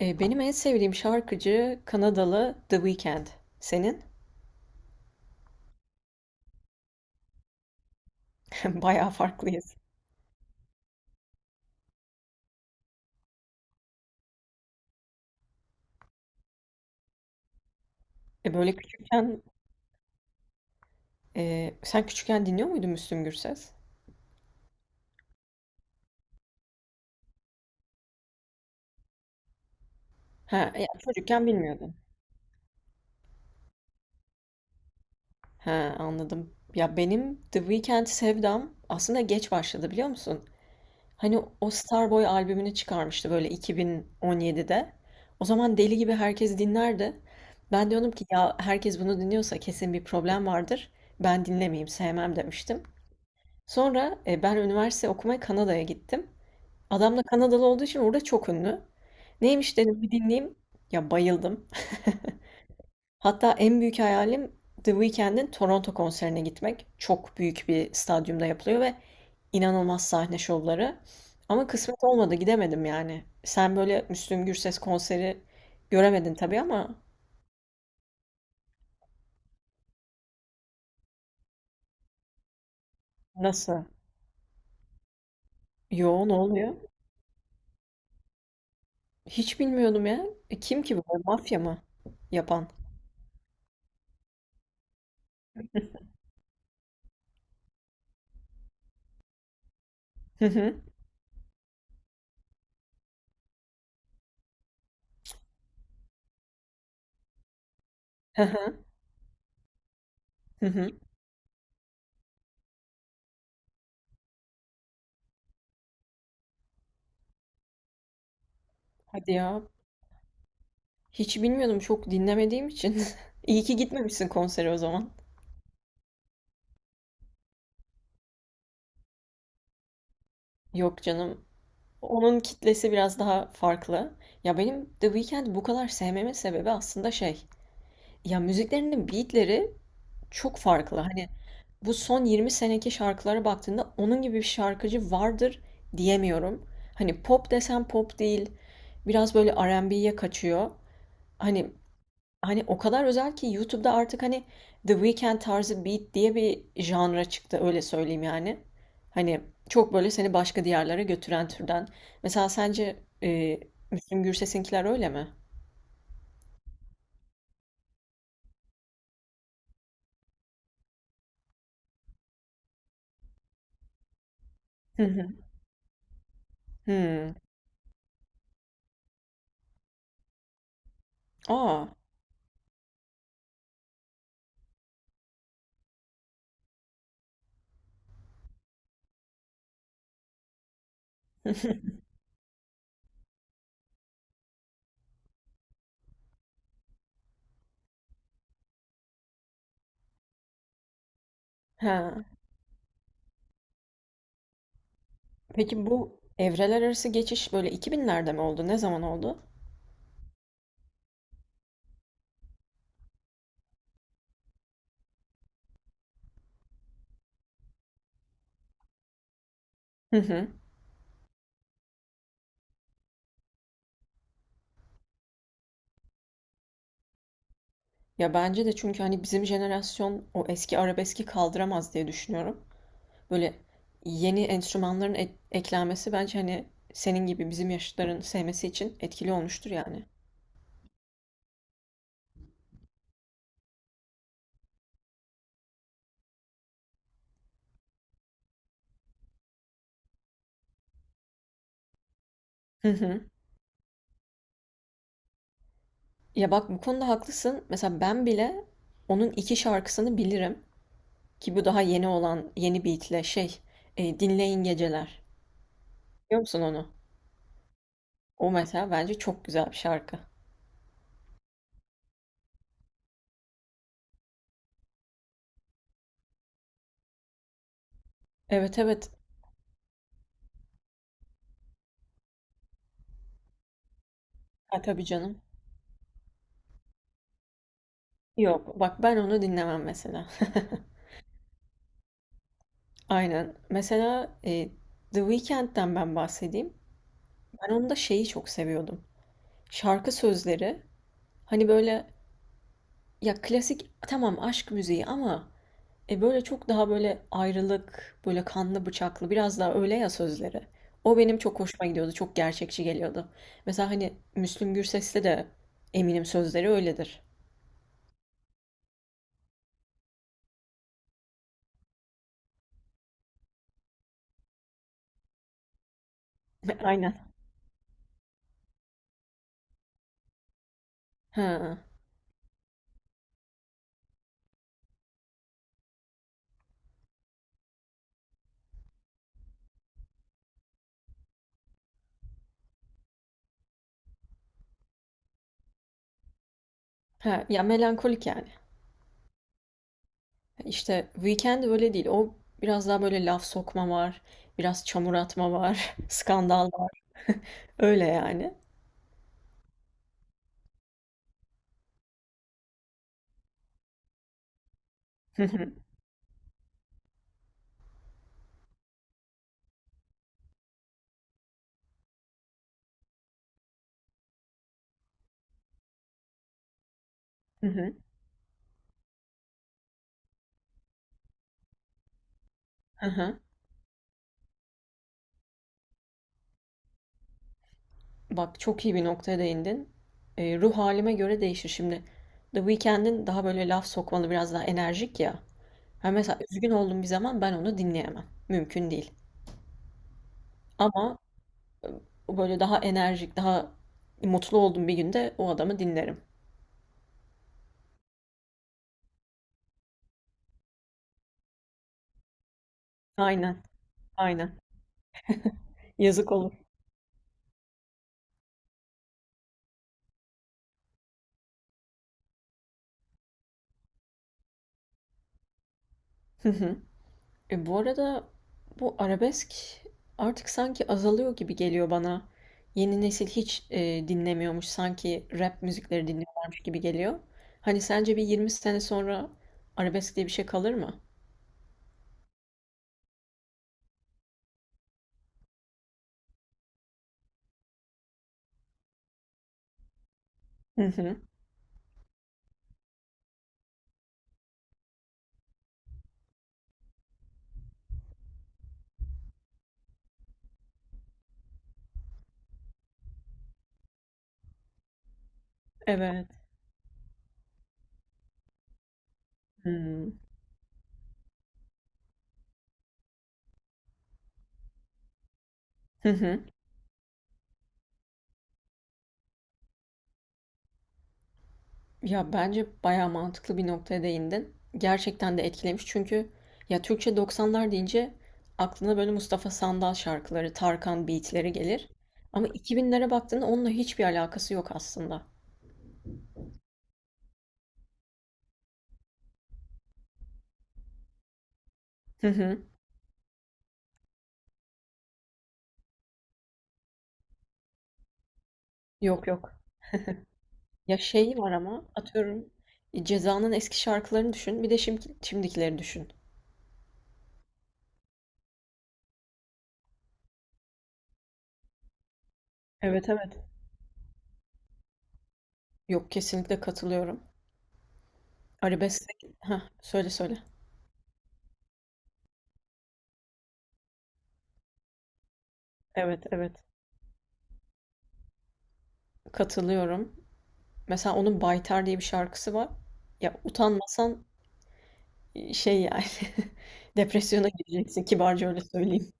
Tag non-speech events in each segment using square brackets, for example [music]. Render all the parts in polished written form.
Benim en sevdiğim şarkıcı Kanadalı The Weeknd. Senin? [laughs] Bayağı farklıyız. Böyle küçükken, sen küçükken dinliyor muydun Müslüm Gürses? Ha, ya çocukken bilmiyordum. Ha, anladım. Ya benim The Weeknd sevdam aslında geç başladı, biliyor musun? Hani o Starboy albümünü çıkarmıştı böyle 2017'de. O zaman deli gibi herkes dinlerdi. Ben diyordum ki ya herkes bunu dinliyorsa kesin bir problem vardır. Ben dinlemeyeyim, sevmem demiştim. Sonra, ben üniversite okumaya Kanada'ya gittim. Adam da Kanadalı olduğu için orada çok ünlü. Neymiş dedim, bir dinleyeyim. Ya bayıldım. [laughs] Hatta en büyük hayalim The Weeknd'in Toronto konserine gitmek. Çok büyük bir stadyumda yapılıyor ve inanılmaz sahne şovları. Ama kısmet olmadı, gidemedim yani. Sen böyle Müslüm Gürses konseri göremedin tabii ama nasıl? Yo, ne oluyor? Hiç bilmiyordum ya. Kim ki bu? Mafya mı yapan? Hı hı. Hı hı. Hı hı. Hadi ya. Hiç bilmiyordum çok dinlemediğim için. [laughs] İyi ki gitmemişsin konsere o zaman. Yok canım. Onun kitlesi biraz daha farklı. Ya benim The Weeknd'i bu kadar sevmemin sebebi aslında şey. Ya müziklerinin beatleri çok farklı. Hani bu son 20 seneki şarkılara baktığında onun gibi bir şarkıcı vardır diyemiyorum. Hani pop desem pop değil. Biraz böyle R&B'ye kaçıyor. Hani Hani o kadar özel ki YouTube'da artık hani The Weeknd tarzı beat diye bir janra çıktı, öyle söyleyeyim yani. Hani çok böyle seni başka diyarlara götüren türden. Mesela sence e, Müslüm Gürses'inkiler öyle mi? Hı hı. Hmm. Aa. Ha. Peki bu evreler arası geçiş böyle 2000'lerde mi oldu? Ne zaman oldu? Hı hı. Ya bence de, çünkü hani bizim jenerasyon o eski arabeski kaldıramaz diye düşünüyorum. Böyle yeni enstrümanların eklenmesi bence hani senin gibi bizim yaşıtların sevmesi için etkili olmuştur yani. Hı hı. Ya bak, bu konuda haklısın. Mesela ben bile onun iki şarkısını bilirim ki bu daha yeni olan, yeni beatle, şey, Dinleyin Geceler. Biliyor musun onu? O mesela bence çok güzel bir şarkı. Evet, evet. Ha tabii canım. Yok bak, ben onu dinlemem mesela. [laughs] Aynen. Mesela, The Weeknd'den ben bahsedeyim. Ben onda şeyi çok seviyordum. Şarkı sözleri hani böyle, ya klasik tamam aşk müziği ama böyle çok daha böyle ayrılık, böyle kanlı bıçaklı, biraz daha öyle ya sözleri. O benim çok hoşuma gidiyordu. Çok gerçekçi geliyordu. Mesela hani Müslüm Gürses'te de eminim sözleri öyledir. [laughs] Aynen. Ha. Ha, ya melankolik yani. İşte Weekend öyle değil. O biraz daha böyle laf sokma var, biraz çamur atma var, [laughs] skandal var. [laughs] Öyle yani. [laughs] Hı hı. Hı. Bak, çok iyi bir noktaya değindin. Ruh halime göre değişir. Şimdi The Weeknd'in daha böyle laf sokmalı, biraz daha enerjik ya. Ha mesela üzgün olduğum bir zaman ben onu dinleyemem. Mümkün değil. Ama o böyle daha enerjik, daha mutlu olduğum bir günde o adamı dinlerim. Aynen, aynen. Yazık olur. [laughs] Bu arada bu arabesk artık sanki azalıyor gibi geliyor bana. Yeni nesil hiç dinlemiyormuş. Sanki rap müzikleri dinliyorlarmış gibi geliyor. Hani sence bir 20 sene sonra arabesk diye bir şey kalır mı? Hı hı. Evet. Hmm. Hı hı. Ya bence bayağı mantıklı bir noktaya değindin. Gerçekten de etkilemiş, çünkü ya Türkçe doksanlar deyince aklına böyle Mustafa Sandal şarkıları, Tarkan beatleri gelir. Ama 2000'lere baktığında onunla hiçbir alakası yok aslında. Hı hı. Yok, yok. Ya şey var ama atıyorum, Ceza'nın eski şarkılarını düşün. Bir de şimdikileri düşün. Evet, evet. Yok, kesinlikle katılıyorum. Arabesk. Ha söyle, söyle. Evet, evet. Katılıyorum. Mesela onun Baytar diye bir şarkısı var. Ya utanmasan, şey yani, [laughs] depresyona gireceksin, kibarca öyle söyleyeyim.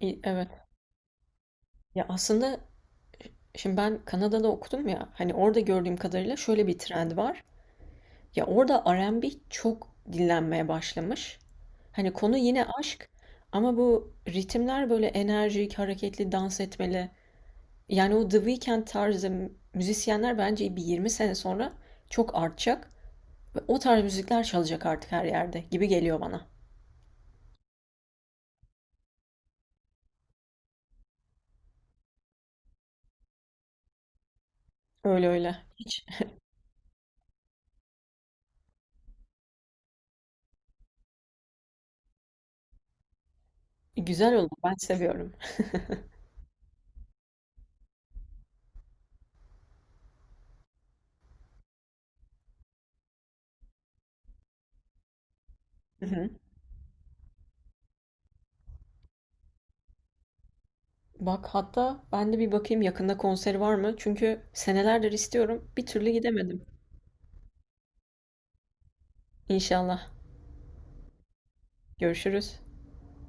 Evet. Ya aslında şimdi ben Kanada'da okudum ya, hani orada gördüğüm kadarıyla şöyle bir trend var. Ya orada R&B çok dinlenmeye başlamış. Hani konu yine aşk ama bu ritimler böyle enerjik, hareketli, dans etmeli. Yani o The Weeknd tarzı müzisyenler bence bir 20 sene sonra çok artacak ve o tarz müzikler çalacak artık her yerde gibi geliyor bana. Öyle öyle. Hiç güzel oldu. Ben seviyorum. [laughs] Hı hı. Bak hatta ben de bir bakayım, yakında konseri var mı? Çünkü senelerdir istiyorum. Bir türlü gidemedim. İnşallah. Görüşürüz.